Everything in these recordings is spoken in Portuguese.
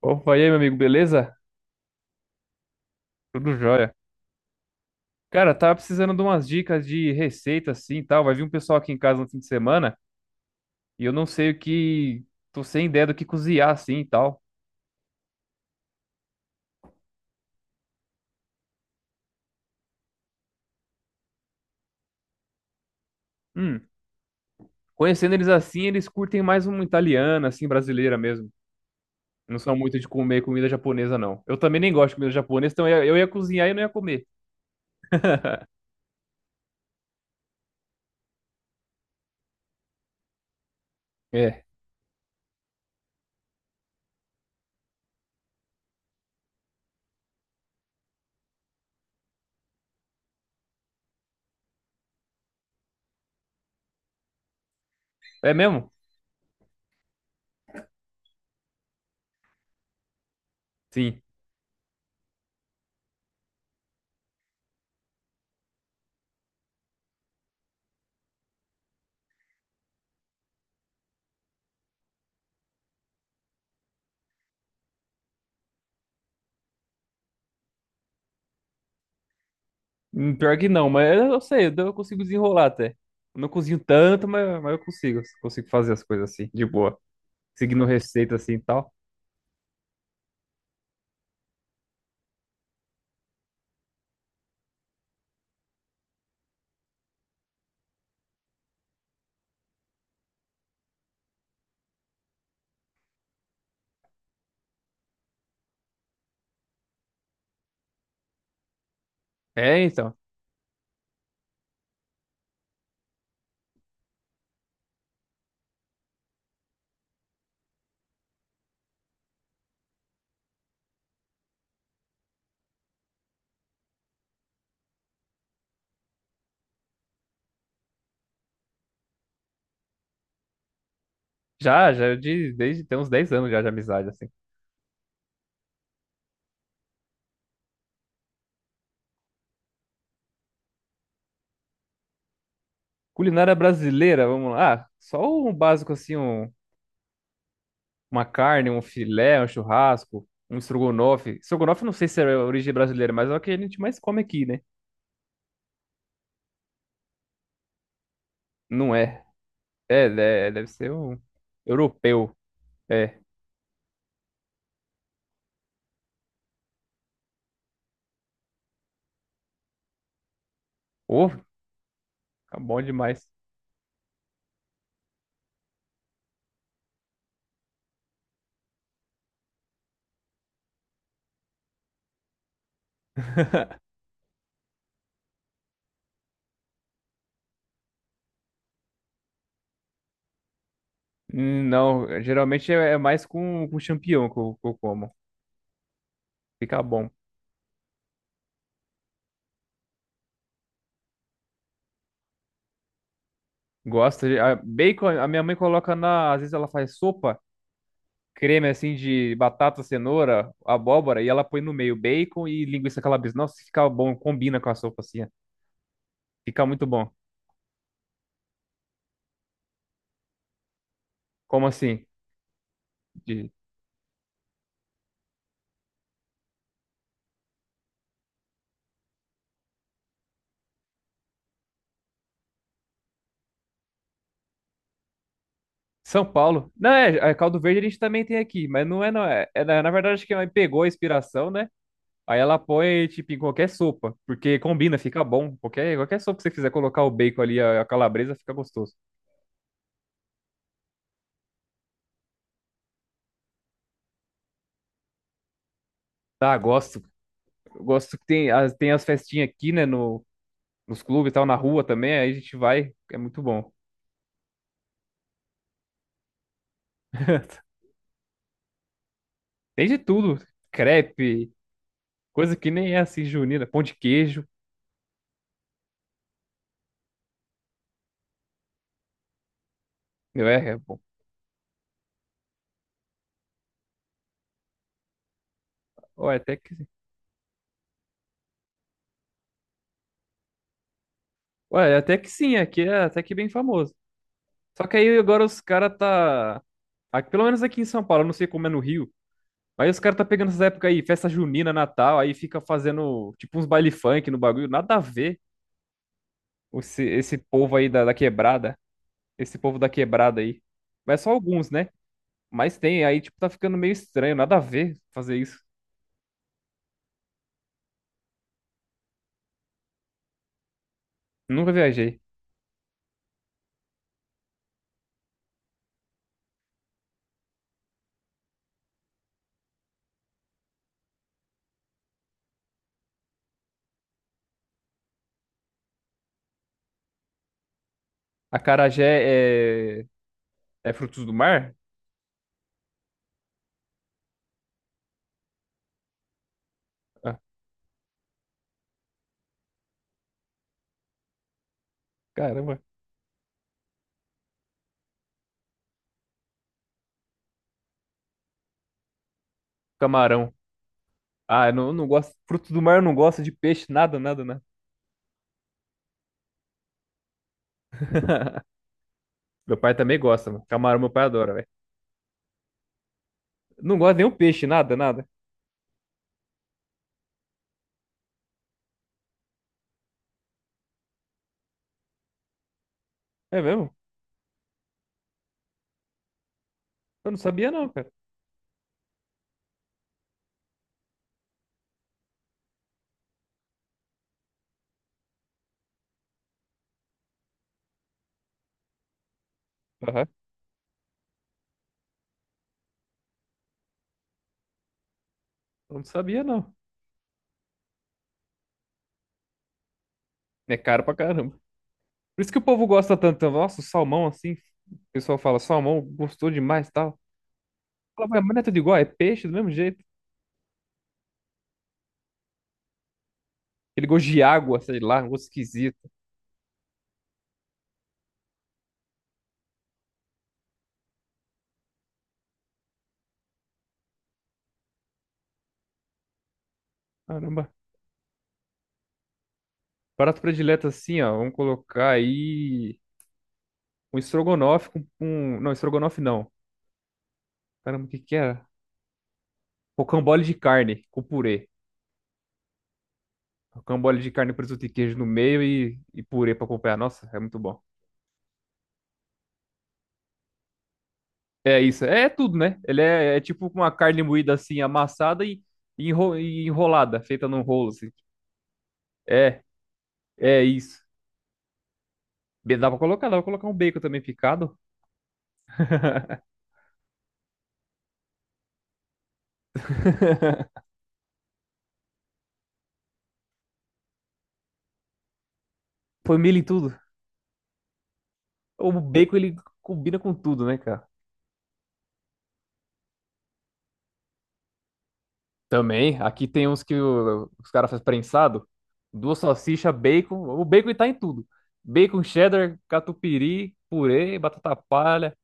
Opa, e aí, meu amigo, beleza? Tudo jóia. Cara, tava precisando de umas dicas de receita assim e tal. Vai vir um pessoal aqui em casa no fim de semana e eu não sei o que. Tô sem ideia do que cozinhar assim e tal. Hum, Conhecendo eles assim, eles curtem mais uma italiana, assim, brasileira mesmo. Não são muito de comer comida japonesa, não. Eu também nem gosto de comida japonesa, então eu ia cozinhar e não ia comer. É. É mesmo? Sim. Pior que não, mas eu sei, eu consigo desenrolar até. Eu não cozinho tanto, mas eu consigo fazer as coisas assim, de boa, seguindo receita assim e tal. É, então. Já, já, é desde tem uns 10 anos já de amizade, assim. Culinária brasileira, vamos lá. Ah, só um básico assim, uma carne, um filé, um churrasco, um estrogonofe. Estrogonofe não sei se é origem brasileira, mas é o que a gente mais come aqui, né? Não é. É, deve ser o europeu. É. Ô, fica bom demais. Não, geralmente é mais com champignon que eu como. Fica bom. Gosto. Bacon, a minha mãe coloca na. Às vezes ela faz sopa, creme assim de batata, cenoura, abóbora, e ela põe no meio bacon e linguiça calabresa. Nossa, fica bom, combina com a sopa assim, ó. Fica muito bom. Como assim? De São Paulo. Não, é, é caldo verde a gente também tem aqui, mas não é. É, na verdade, acho que a mãe pegou a inspiração, né? Aí ela põe, tipo, em qualquer sopa, porque combina, fica bom. Qualquer sopa que você quiser colocar o bacon ali, a calabresa, fica gostoso. Tá, gosto. Eu gosto que tem as festinhas aqui, né, no, nos clubes e tal, na rua também, aí a gente vai, é muito bom. Tem de tudo, crepe, coisa que nem é assim, junina, pão de queijo. Meu, é, é bom. Ué, até que, ué, até que sim, aqui é até que bem famoso. Só que aí agora os caras tá... Aqui, pelo menos aqui em São Paulo, eu não sei como é no Rio. Aí os caras tá pegando essas épocas aí, festa junina, Natal, aí fica fazendo tipo uns baile funk no bagulho, nada a ver esse povo aí da quebrada, esse povo da quebrada aí. Mas só alguns, né? Mas tem, aí tipo tá ficando meio estranho, nada a ver fazer isso. Nunca viajei. Acarajé é, é frutos do mar? Ah, caramba. Camarão. Ah, eu não gosto. Frutos do mar eu não gosto, de peixe, nada, nada, nada. Meu pai também gosta, mano. Camarão meu pai adora, velho. Não gosta de nenhum peixe, nada, nada. É mesmo? Eu não sabia não, cara. Aham. Eu não sabia, não. É caro pra caramba. Por isso que o povo gosta tanto. Nossa, o salmão assim. O pessoal fala, salmão gostou demais e tal. Fala, "Ué, mas não é tudo igual, é peixe do mesmo jeito. Ele gosto de água, sei lá, um gosto esquisito." Caramba. Prato predileto assim, ó. Vamos colocar aí um estrogonofe com um. Não, estrogonofe não. Caramba, o que que era? Rocambole de carne com purê. Rocambole de carne, presunto e queijo no meio e purê pra acompanhar. Nossa, é muito bom. É isso, é tudo, né? Ele é, é tipo uma carne moída assim, amassada e, e enrolada, feita num rolo, assim. É, é isso. Bem, dá pra colocar um bacon também picado. Põe milho em tudo. O bacon, ele combina com tudo, né, cara? Também, aqui tem uns que os caras fazem prensado. Duas salsichas, bacon. O bacon tá em tudo. Bacon, cheddar, catupiry, purê, batata palha.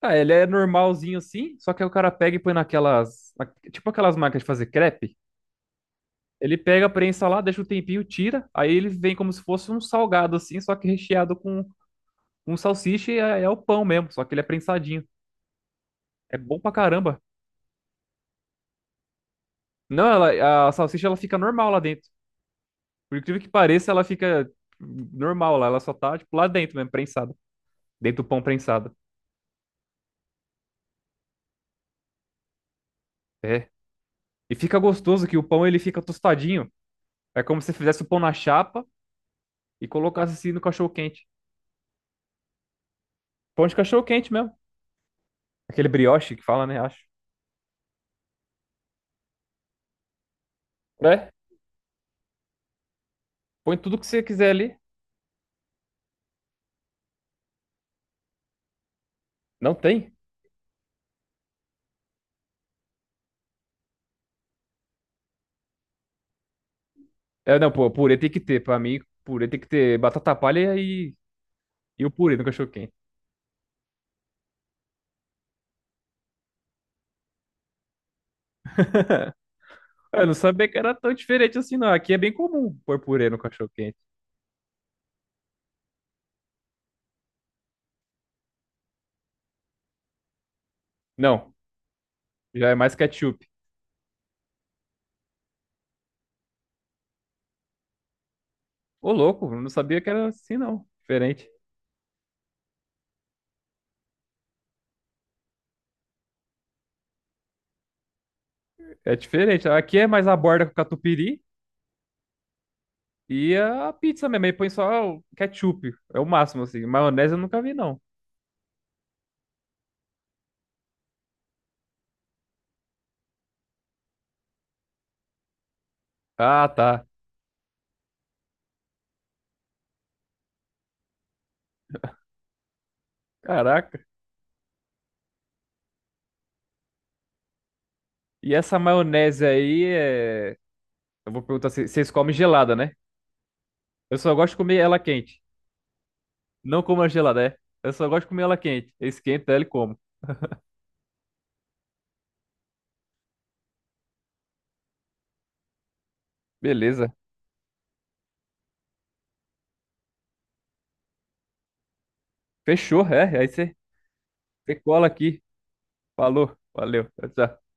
Ah, ele é normalzinho assim, só que aí o cara pega e põe naquelas, tipo aquelas máquinas de fazer crepe. Ele pega, prensa lá, deixa um tempinho, tira, aí ele vem como se fosse um salgado assim, só que recheado com um salsicha e é, é o pão mesmo, só que ele é prensadinho. É bom pra caramba. Não, ela, a salsicha ela fica normal lá dentro. Por incrível que pareça, ela fica normal lá, ela só tá tipo lá dentro mesmo, prensada. Dentro do pão prensado. É. E fica gostoso que o pão ele fica tostadinho. É como se fizesse o pão na chapa e colocasse assim no cachorro quente. Pão de cachorro quente mesmo. Aquele brioche que fala, né? Acho. É. Põe tudo que você quiser ali. Não tem? É, não, pô, purê tem que ter. Pra mim, purê tem que ter batata palha e o purê no cachorro quente. Eu não sabia que era tão diferente assim, não. Aqui é bem comum pôr purê no cachorro quente. Não, já é mais ketchup. Ô, louco, eu não sabia que era assim, não. Diferente. É diferente. Aqui é mais a borda com catupiry e a pizza mesmo. Aí põe só o ketchup. É o máximo, assim. Maionese eu nunca vi, não. Ah, tá. Caraca. E essa maionese aí é. Eu vou perguntar se vocês comem gelada, né? Eu só gosto de comer ela quente. Não como a gelada, é. Eu só gosto de comer ela quente. Esquenta ela e como. Beleza. Fechou, é. Aí você cola aqui. Falou. Valeu. Tchau, tchau.